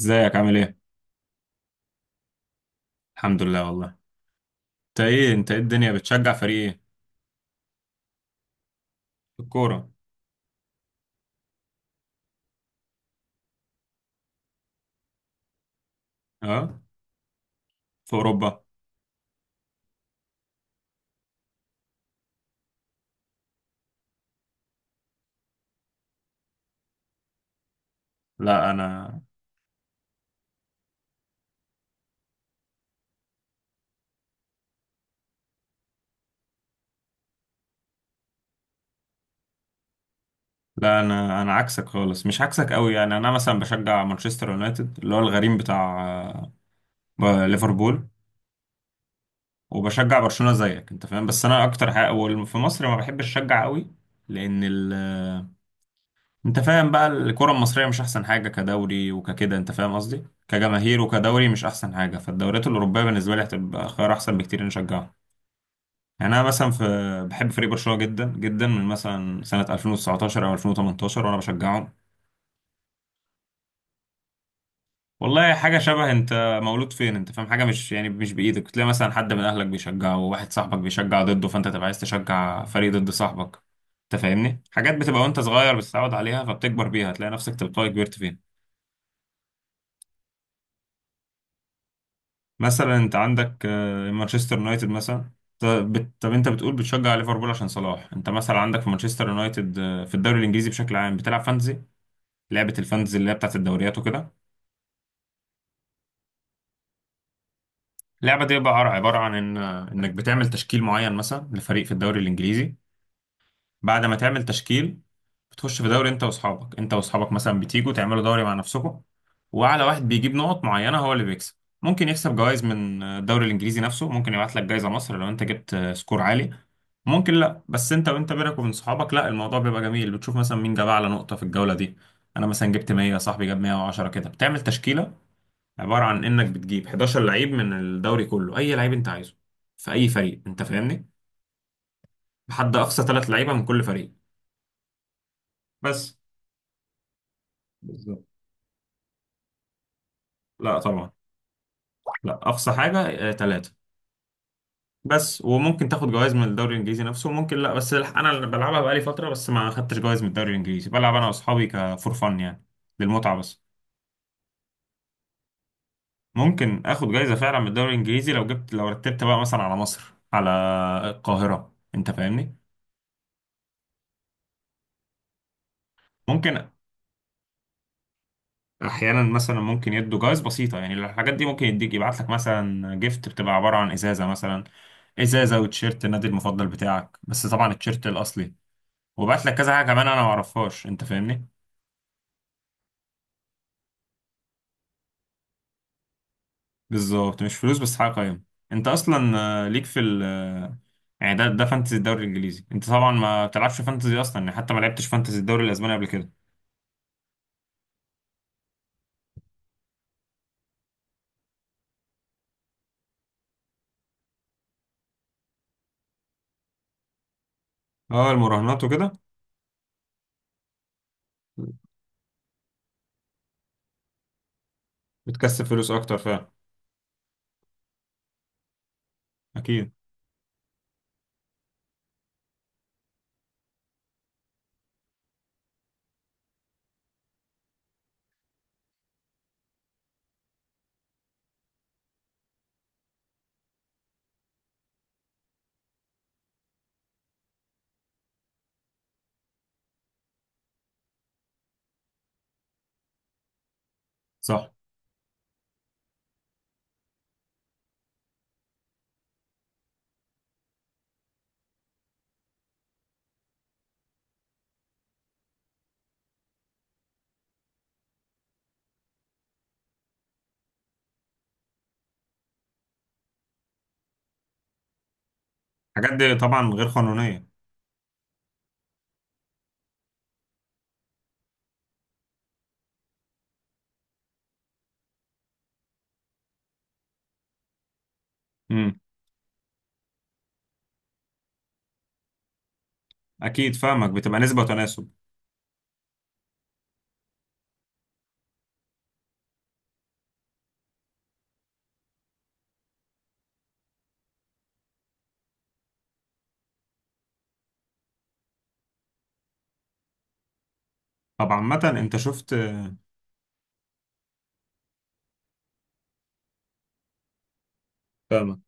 ازيك؟ عامل ايه؟ الحمد لله والله. انت ايه الدنيا بتشجع فريق ايه؟ في الكورة. اه؟ في اوروبا؟ لا انا لا انا عكسك خالص، مش عكسك قوي يعني. انا مثلا بشجع مانشستر يونايتد اللي هو الغريم بتاع آه، ليفربول، وبشجع برشلونة زيك، انت فاهم. بس انا اكتر حاجة في مصر ما بحبش اشجع قوي، لان ال آه، انت فاهم بقى، الكرة المصرية مش احسن حاجة كدوري وككده، انت فاهم قصدي؟ كجماهير وكدوري مش احسن حاجة، فالدوريات الأوروبية بالنسبة لي هتبقى خيار احسن بكتير نشجعها. يعني انا مثلا في، بحب فريق برشلونه جدا جدا من مثلا سنه 2019 او 2018، وانا بشجعهم. والله حاجه شبه انت مولود فين، انت فاهم، حاجه مش يعني مش بايدك. تلاقي مثلا حد من اهلك بيشجعه وواحد صاحبك بيشجع ضده، فانت تبقى عايز تشجع فريق ضد صاحبك. انت فاهمني، حاجات بتبقى وانت صغير بتتعود عليها فبتكبر بيها، تلاقي نفسك تلقائي كبرت فيها. مثلا انت عندك مانشستر يونايتد مثلا. طب انت بتقول بتشجع ليفربول عشان صلاح، انت مثلا عندك في مانشستر يونايتد في الدوري الانجليزي. بشكل عام بتلعب فانتزي، لعبة الفانتزي اللي هي بتاعت الدوريات وكده. اللعبة دي بقى عبارة عن إنك بتعمل تشكيل معين مثلا لفريق في الدوري الإنجليزي. بعد ما تعمل تشكيل بتخش في دوري. أنت وأصحابك مثلا بتيجوا تعملوا دوري مع نفسكم، وأعلى واحد بيجيب نقط معينة هو اللي بيكسب. ممكن يكسب جوائز من الدوري الإنجليزي نفسه، ممكن يبعت لك جايزة مصر لو أنت جبت سكور عالي. ممكن لا، بس أنت وأنت بينك وبين صحابك، لا، الموضوع بيبقى جميل. بتشوف مثلا مين جاب أعلى نقطة في الجولة دي. أنا مثلا جبت 100، صاحبي جاب 110، كده. بتعمل تشكيلة عباره عن انك بتجيب 11 لعيب من الدوري كله، اي لعيب انت عايزه، في اي فريق، انت فاهمني. بحد اقصى ثلاث لعيبه من كل فريق. بس. بالظبط. لا طبعا. لا، اقصى حاجه ثلاثه. بس، وممكن تاخد جوائز من الدوري الانجليزي نفسه وممكن لا، بس انا اللي بلعبها بقالي فتره، بس ما خدتش جوائز من الدوري الانجليزي. بلعب انا واصحابي كفور فن يعني، للمتعه بس. ممكن اخد جائزه فعلا من الدوري الانجليزي لو جبت، لو رتبت بقى مثلا على مصر، على القاهره، انت فاهمني. ممكن. احيانا مثلا ممكن يدوا جوائز بسيطه، يعني الحاجات دي ممكن يديك، يبعت لك مثلا جيفت بتبقى عباره عن ازازه مثلا، ازازه وتيشيرت النادي المفضل بتاعك، بس طبعا التيشيرت الاصلي. وبعت لك كذا حاجه كمان انا ما اعرفهاش، انت فاهمني. بالظبط، مش فلوس بس حاجه قيمه. انت اصلا ليك في ال آه، يعني ده فانتزي الدوري الانجليزي. انت طبعا ما بتلعبش فانتزي اصلا يعني، حتى ما لعبتش فانتزي الدوري الاسباني قبل كده. اه، المراهنات وكده. بتكسب فلوس اكتر فعلا. اكيد. صح. الحاجات دي طبعا غير قانونيه. اكيد فاهمك، بتبقى نسبة وتناسب. طب عامة انت شفت. فاهمك.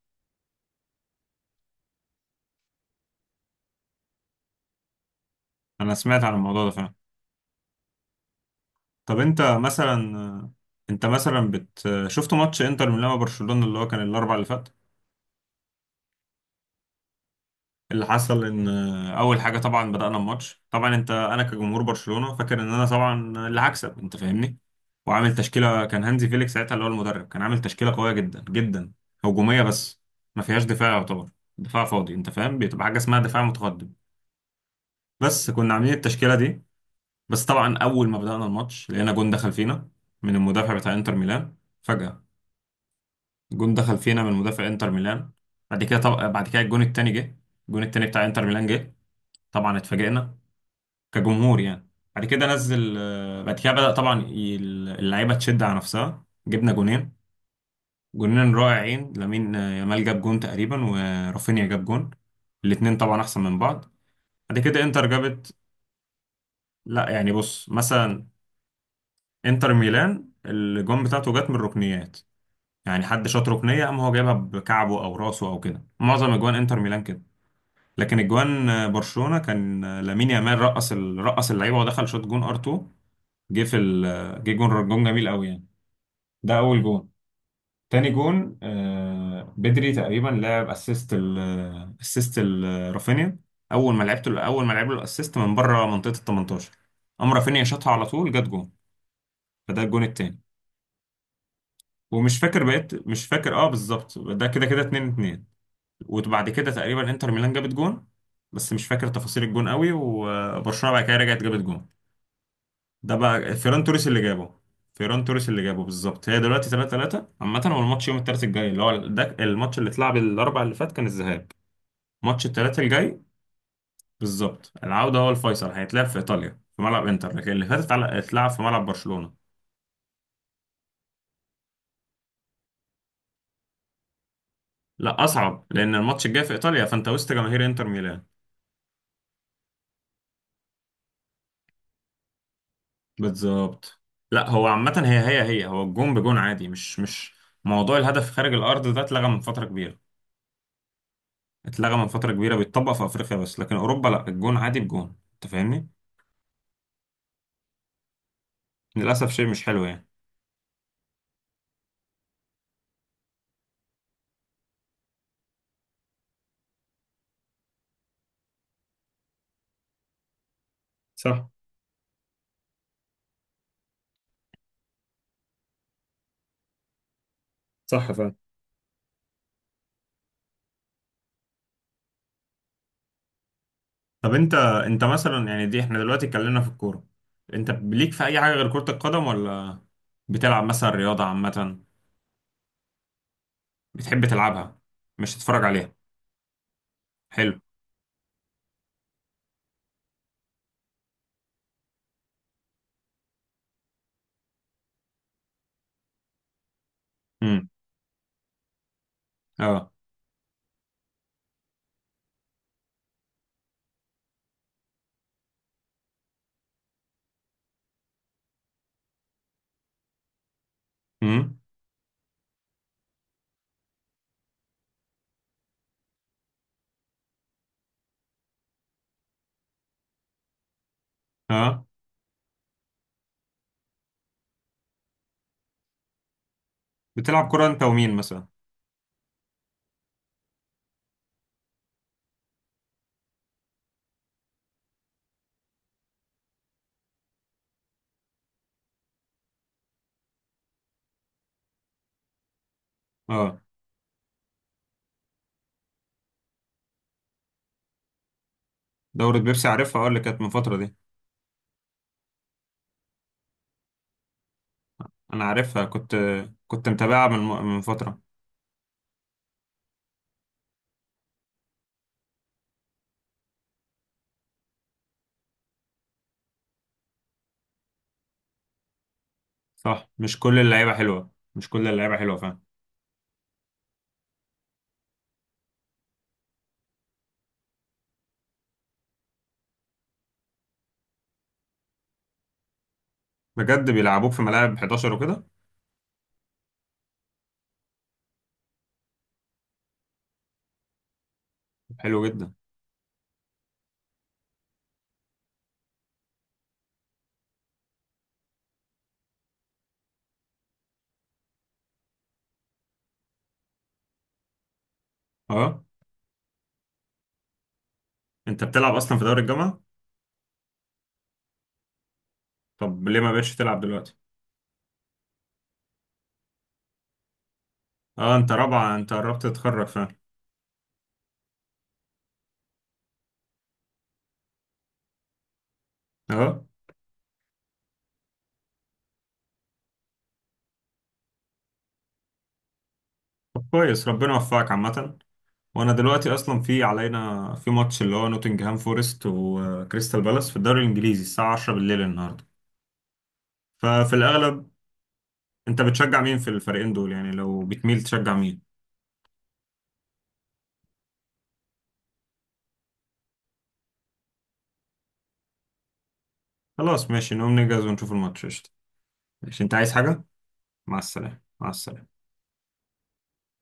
انا سمعت عن الموضوع ده فعلا. طب انت مثلا، انت مثلا بت شفت ماتش انتر ميلان وبرشلونة اللي هو كان الاربع اللي فات؟ اللي حصل ان اول حاجة طبعا بدأنا الماتش. طبعا انت، انا كجمهور برشلونة فاكر ان انا طبعا اللي هكسب، انت فاهمني. وعامل تشكيلة، كان هانزي فيليكس ساعتها اللي هو المدرب، كان عامل تشكيلة قوية جدا جدا، هجومية بس، ما فيهاش دفاع يعتبر. دفاع فاضي، انت فاهم، بتبقى حاجة اسمها دفاع متقدم. بس كنا عاملين التشكيلة دي. بس طبعا اول ما بدأنا الماتش لقينا جون دخل فينا من المدافع بتاع انتر ميلان، فجأة. جون دخل فينا من مدافع انتر ميلان. بعد كده بعد كده الجون التاني جه، الجون التاني بتاع انتر ميلان جه. طبعا اتفاجئنا كجمهور يعني. بعد كده نزل، بعد كده بدأ طبعا اللعيبة تشد على نفسها، جبنا جونين، جونين رائعين. لامين يامال جاب جون تقريبا، ورافينيا جاب جون. الاتنين طبعا احسن من بعض. بعد كده انتر جابت. لا يعني بص مثلا، انتر ميلان الجون بتاعته جت من الركنيات، يعني حد شاط ركنيه قام هو جايبها بكعبه او راسه او كده، معظم اجوان انتر ميلان كده. لكن اجوان برشلونه كان لامين يامال رقص رقص اللعيبه ودخل شوط، جون ار 2. جه في ال- آه، جه جون، جون جميل قوي يعني. ده اول جون. تاني جون بدري تقريبا لعب اسيست رافينيا. اول ما لعب له الاسيست من بره منطقه ال 18، قام رافينيا شاطها على طول جت جون. فده الجون التاني. ومش فاكر بقيت مش فاكر اه بالظبط، ده كده كده 2-2. وبعد كده تقريبا انتر ميلان جابت جون، بس مش فاكر تفاصيل الجون قوي. وبرشلونه بعد كده رجعت جابت جون، ده بقى فيران توريس اللي جابه، فيران توريس اللي جابه بالظبط. هي دلوقتي 3-3 عامه. هو الماتش يوم الثلاث الجاي اللي هو ده، الماتش اللي اتلعب الاربع اللي فات كان الذهاب، ماتش الثلاث الجاي. بالظبط، العوده هو الفيصل، هيتلعب في ايطاليا في ملعب انتر، لكن اللي فاتت اتلعب في ملعب برشلونه. لا، اصعب، لان الماتش الجاي في ايطاليا، فانت وسط جماهير انتر ميلان. بالظبط. لا هو عامة، هي هو الجون بجون عادي، مش موضوع الهدف خارج الأرض ده، اتلغى من فترة كبيرة. اتلغى من فترة كبيرة، بيتطبق في أفريقيا بس، لكن أوروبا لا، الجون عادي بجون، أنت فاهمني؟ للأسف شيء مش حلو يعني. صح. صح فعلا. طب أنت مثلا، يعني دي إحنا دلوقتي اتكلمنا في الكورة، أنت ليك في أي حاجة غير كرة القدم ولا بتلعب مثلا رياضة عامة؟ بتحب تلعبها مش تتفرج عليها؟ حلو. امم. اه. امم. اه. بتلعب كرة أنت ومين مثلا؟ آه. دورة بيبسي عارفها اه، اللي كانت من فترة دي. انا عارفها، كنت كنت متابعها من فترة. صح، مش كل اللعيبة حلوة، مش كل اللعيبة حلوة، فاهم. بجد بيلعبوك في ملاعب 11 وكده؟ حلو جدا. اه، انت بتلعب اصلا في دوري الجامعة؟ طب ليه ما بقتش تلعب دلوقتي؟ اه، انت رابعة، انت قربت تتخرج، فاهم. اه. طب كويس، ربنا يوفقك عامة. وانا دلوقتي اصلا في علينا في ماتش اللي هو نوتنجهام فورست وكريستال بالاس في الدوري الانجليزي، الساعة 10 بالليل النهاردة، ففي الاغلب. انت بتشجع مين في الفريقين دول يعني، لو بتميل تشجع مين؟ خلاص ماشي، نقوم نجهز ونشوف الماتش، قشطة. ماشي، انت عايز حاجة؟ مع السلامة، مع السلامة.